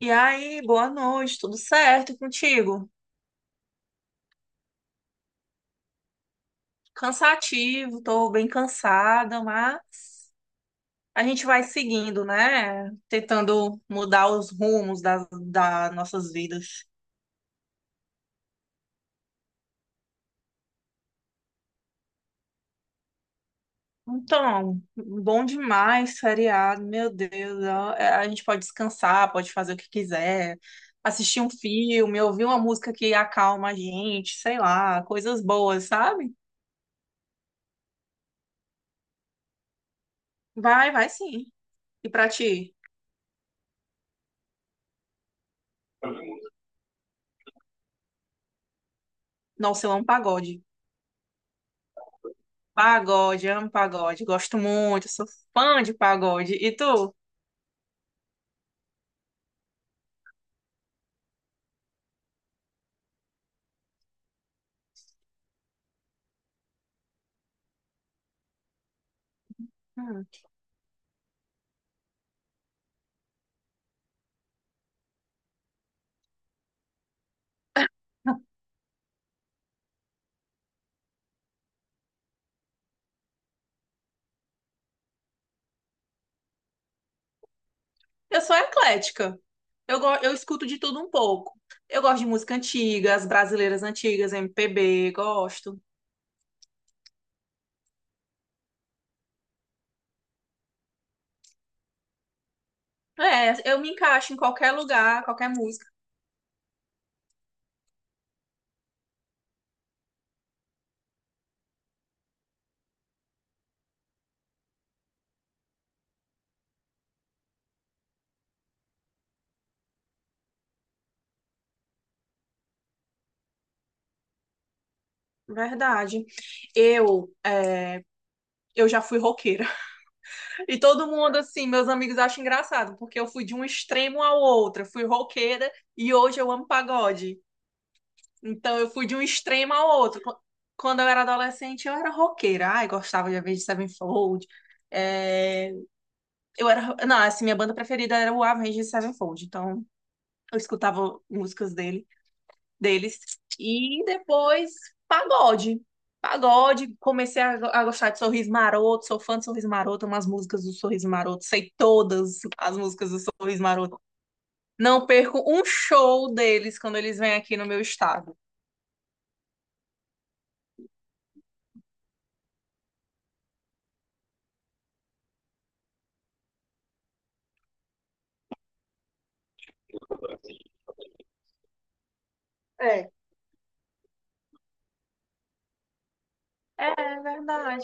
E aí, boa noite, tudo certo e contigo? Cansativo, tô bem cansada, mas a gente vai seguindo, né? Tentando mudar os rumos das nossas vidas. Então, bom demais, feriado, meu Deus. Ó, a gente pode descansar, pode fazer o que quiser, assistir um filme, ouvir uma música que acalma a gente, sei lá, coisas boas, sabe? Vai, vai sim. E pra ti? Nossa, eu amo pagode. Pagode, amo pagode, gosto muito, sou fã de pagode. E tu? Hum. Eu sou eclética. Eu escuto de tudo um pouco. Eu gosto de música antiga, as brasileiras antigas, MPB, gosto. É, eu me encaixo em qualquer lugar, qualquer música. Verdade. Eu, é, eu já fui roqueira. E todo mundo, assim, meus amigos acham engraçado, porque eu fui de um extremo ao outro. Eu fui roqueira e hoje eu amo pagode. Então eu fui de um extremo ao outro. Quando eu era adolescente, eu era roqueira. Ai, gostava de Avenged Sevenfold. É, Eu era... Não, assim, minha banda preferida era o Avenged Sevenfold. Então eu escutava músicas deles. E depois, pagode. Pagode, a gostar de Sorriso Maroto, sou fã de Sorriso Maroto, umas músicas do Sorriso Maroto, sei todas as músicas do Sorriso Maroto. Não perco um show deles quando eles vêm aqui no meu estado. É, é verdade.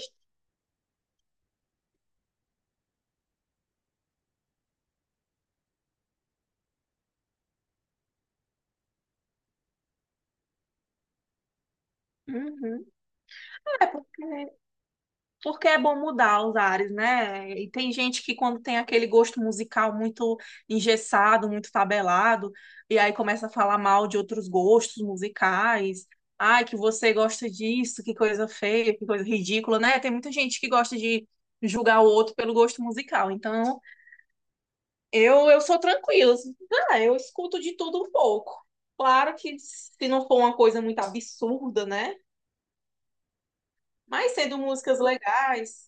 Uhum. É, porque é bom mudar os ares, né? E tem gente que quando tem aquele gosto musical muito engessado, muito tabelado, e aí começa a falar mal de outros gostos musicais. Ai, que você gosta disso, que coisa feia, que coisa ridícula, né? Tem muita gente que gosta de julgar o outro pelo gosto musical. Então, eu sou tranquila assim. Ah, eu escuto de tudo um pouco. Claro que se não for uma coisa muito absurda, né? Mas sendo músicas legais,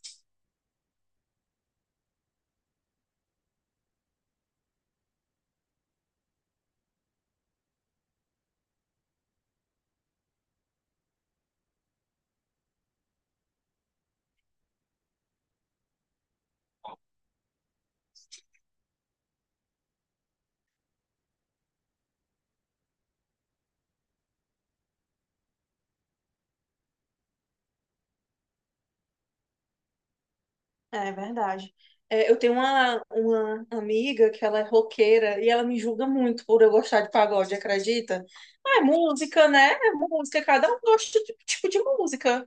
é verdade. É, eu tenho uma amiga que ela é roqueira e ela me julga muito por eu gostar de pagode, acredita? Ah, é música, né? É música, cada um gosta de um tipo de música.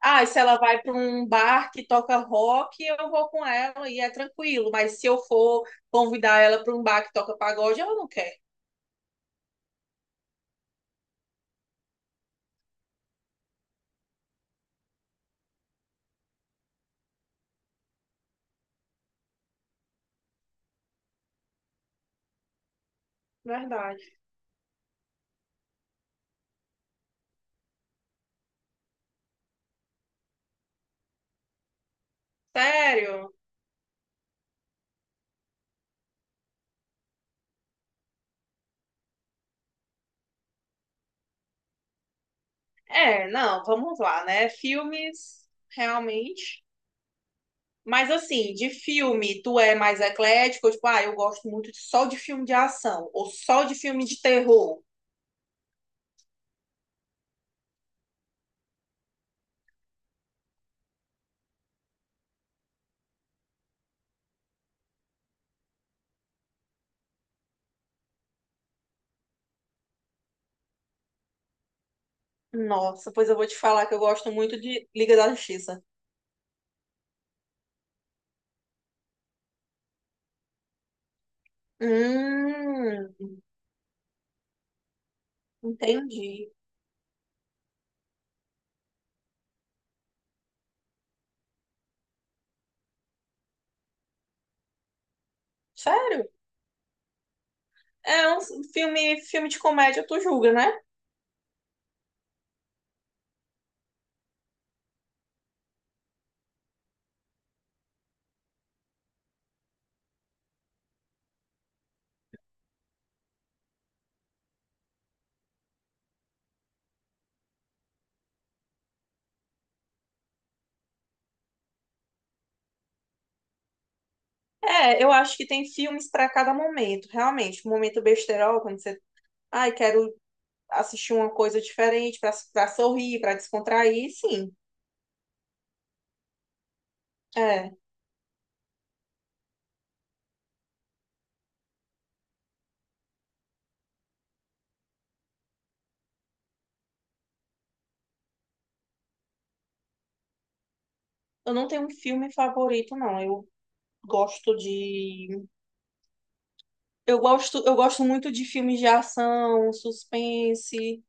Ah, e se ela vai para um bar que toca rock, eu vou com ela e é tranquilo. Mas se eu for convidar ela para um bar que toca pagode, ela não quer. Verdade. Sério? É, não, vamos lá, né? Filmes, realmente. Mas assim, de filme, tu é mais eclético? Tipo, ah, eu gosto muito só de filme de ação, ou só de filme de terror. Nossa, pois eu vou te falar que eu gosto muito de Liga da Justiça. Hum, entendi. Sério? É um filme de comédia, tu julga, né? É, eu acho que tem filmes pra cada momento, realmente. Momento besterol, quando você, ai, quero assistir uma coisa diferente, pra sorrir, pra descontrair, sim. É. Eu não tenho um filme favorito, não. Eu gosto de. Eu gosto muito de filmes de ação, suspense,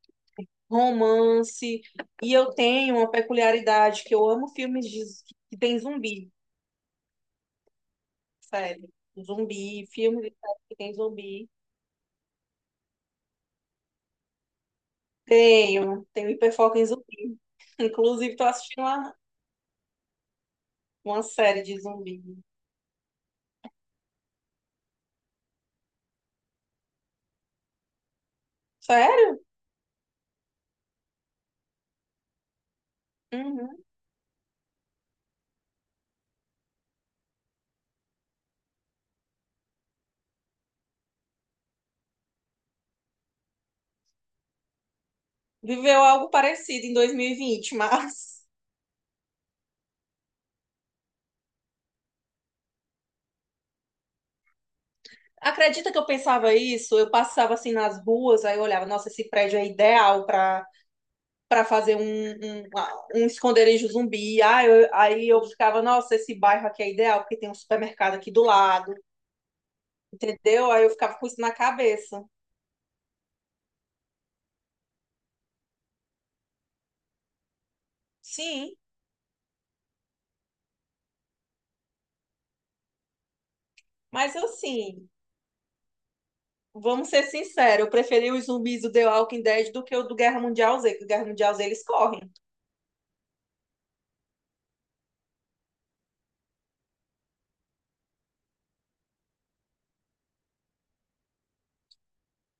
romance. E eu tenho uma peculiaridade que eu amo filmes que tem zumbi, sério. Zumbi, filmes de série que tem zumbi. Tenho, tenho hiperfoco em zumbi. Inclusive, uma série de zumbi. Sério? Uhum. Viveu algo parecido em 2020, mas acredita que eu pensava isso? Eu passava assim nas ruas, aí eu olhava, nossa, esse prédio é ideal para para fazer um, um, um esconderijo zumbi. Aí eu ficava, nossa, esse bairro aqui é ideal, porque tem um supermercado aqui do lado, entendeu? Aí eu ficava com isso na cabeça. Sim, mas assim, vamos ser sinceros, eu preferi os zumbis do The Walking Dead do que o do Guerra Mundial Z, que o Guerra Mundial Z eles correm.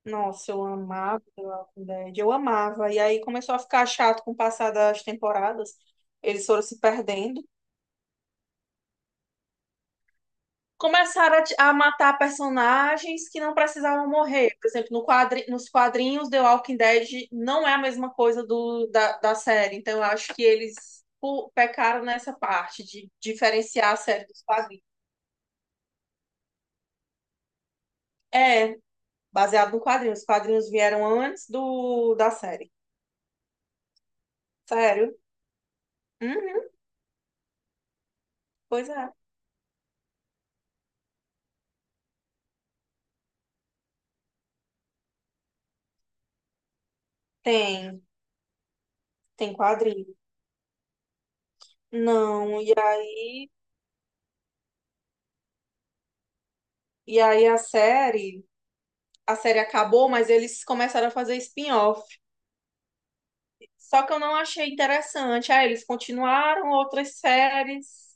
Nossa, eu amava The Walking Dead, eu amava. E aí começou a ficar chato com o passar das temporadas. Eles foram se perdendo. Começaram a matar personagens que não precisavam morrer. Por exemplo, no quadri, nos quadrinhos The Walking Dead não é a mesma coisa da série. Então eu acho que eles pecaram nessa parte de diferenciar a série dos quadrinhos. É, baseado no quadrinho. Os quadrinhos vieram antes da série. Sério? Uhum, pois é. Tem, tem quadrinho. Não, aí, e aí a série acabou, mas eles começaram a fazer spin-off. Só que eu não achei interessante. Aí eles continuaram outras séries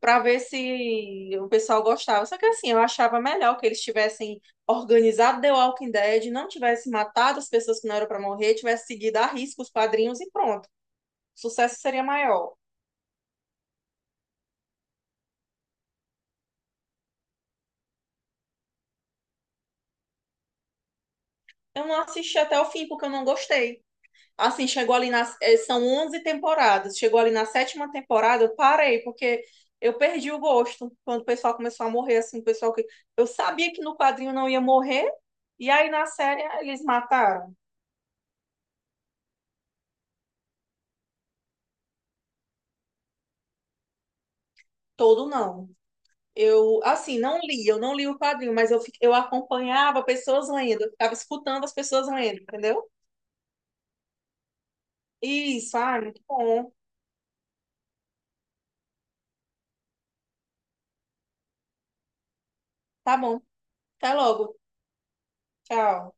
para ver se o pessoal gostava. Só que assim, eu achava melhor que eles tivessem organizado The Walking Dead, não tivesse matado as pessoas que não eram para morrer, tivesse seguido a risco os quadrinhos e pronto. O sucesso seria maior. Eu não assisti até o fim porque eu não gostei. Assim, chegou ali nas. Eh, São 11 temporadas. Chegou ali na sétima temporada, eu parei, porque eu perdi o gosto. Quando o pessoal começou a morrer, assim, o pessoal que. Eu sabia que no quadrinho não ia morrer, e aí na série eles mataram. Todo não. Eu, assim, não li, eu não li o quadrinho, mas eu acompanhava pessoas lendo, eu ficava escutando as pessoas lendo, entendeu? Isso, ah, muito bom. Tá bom. Até logo. Tchau.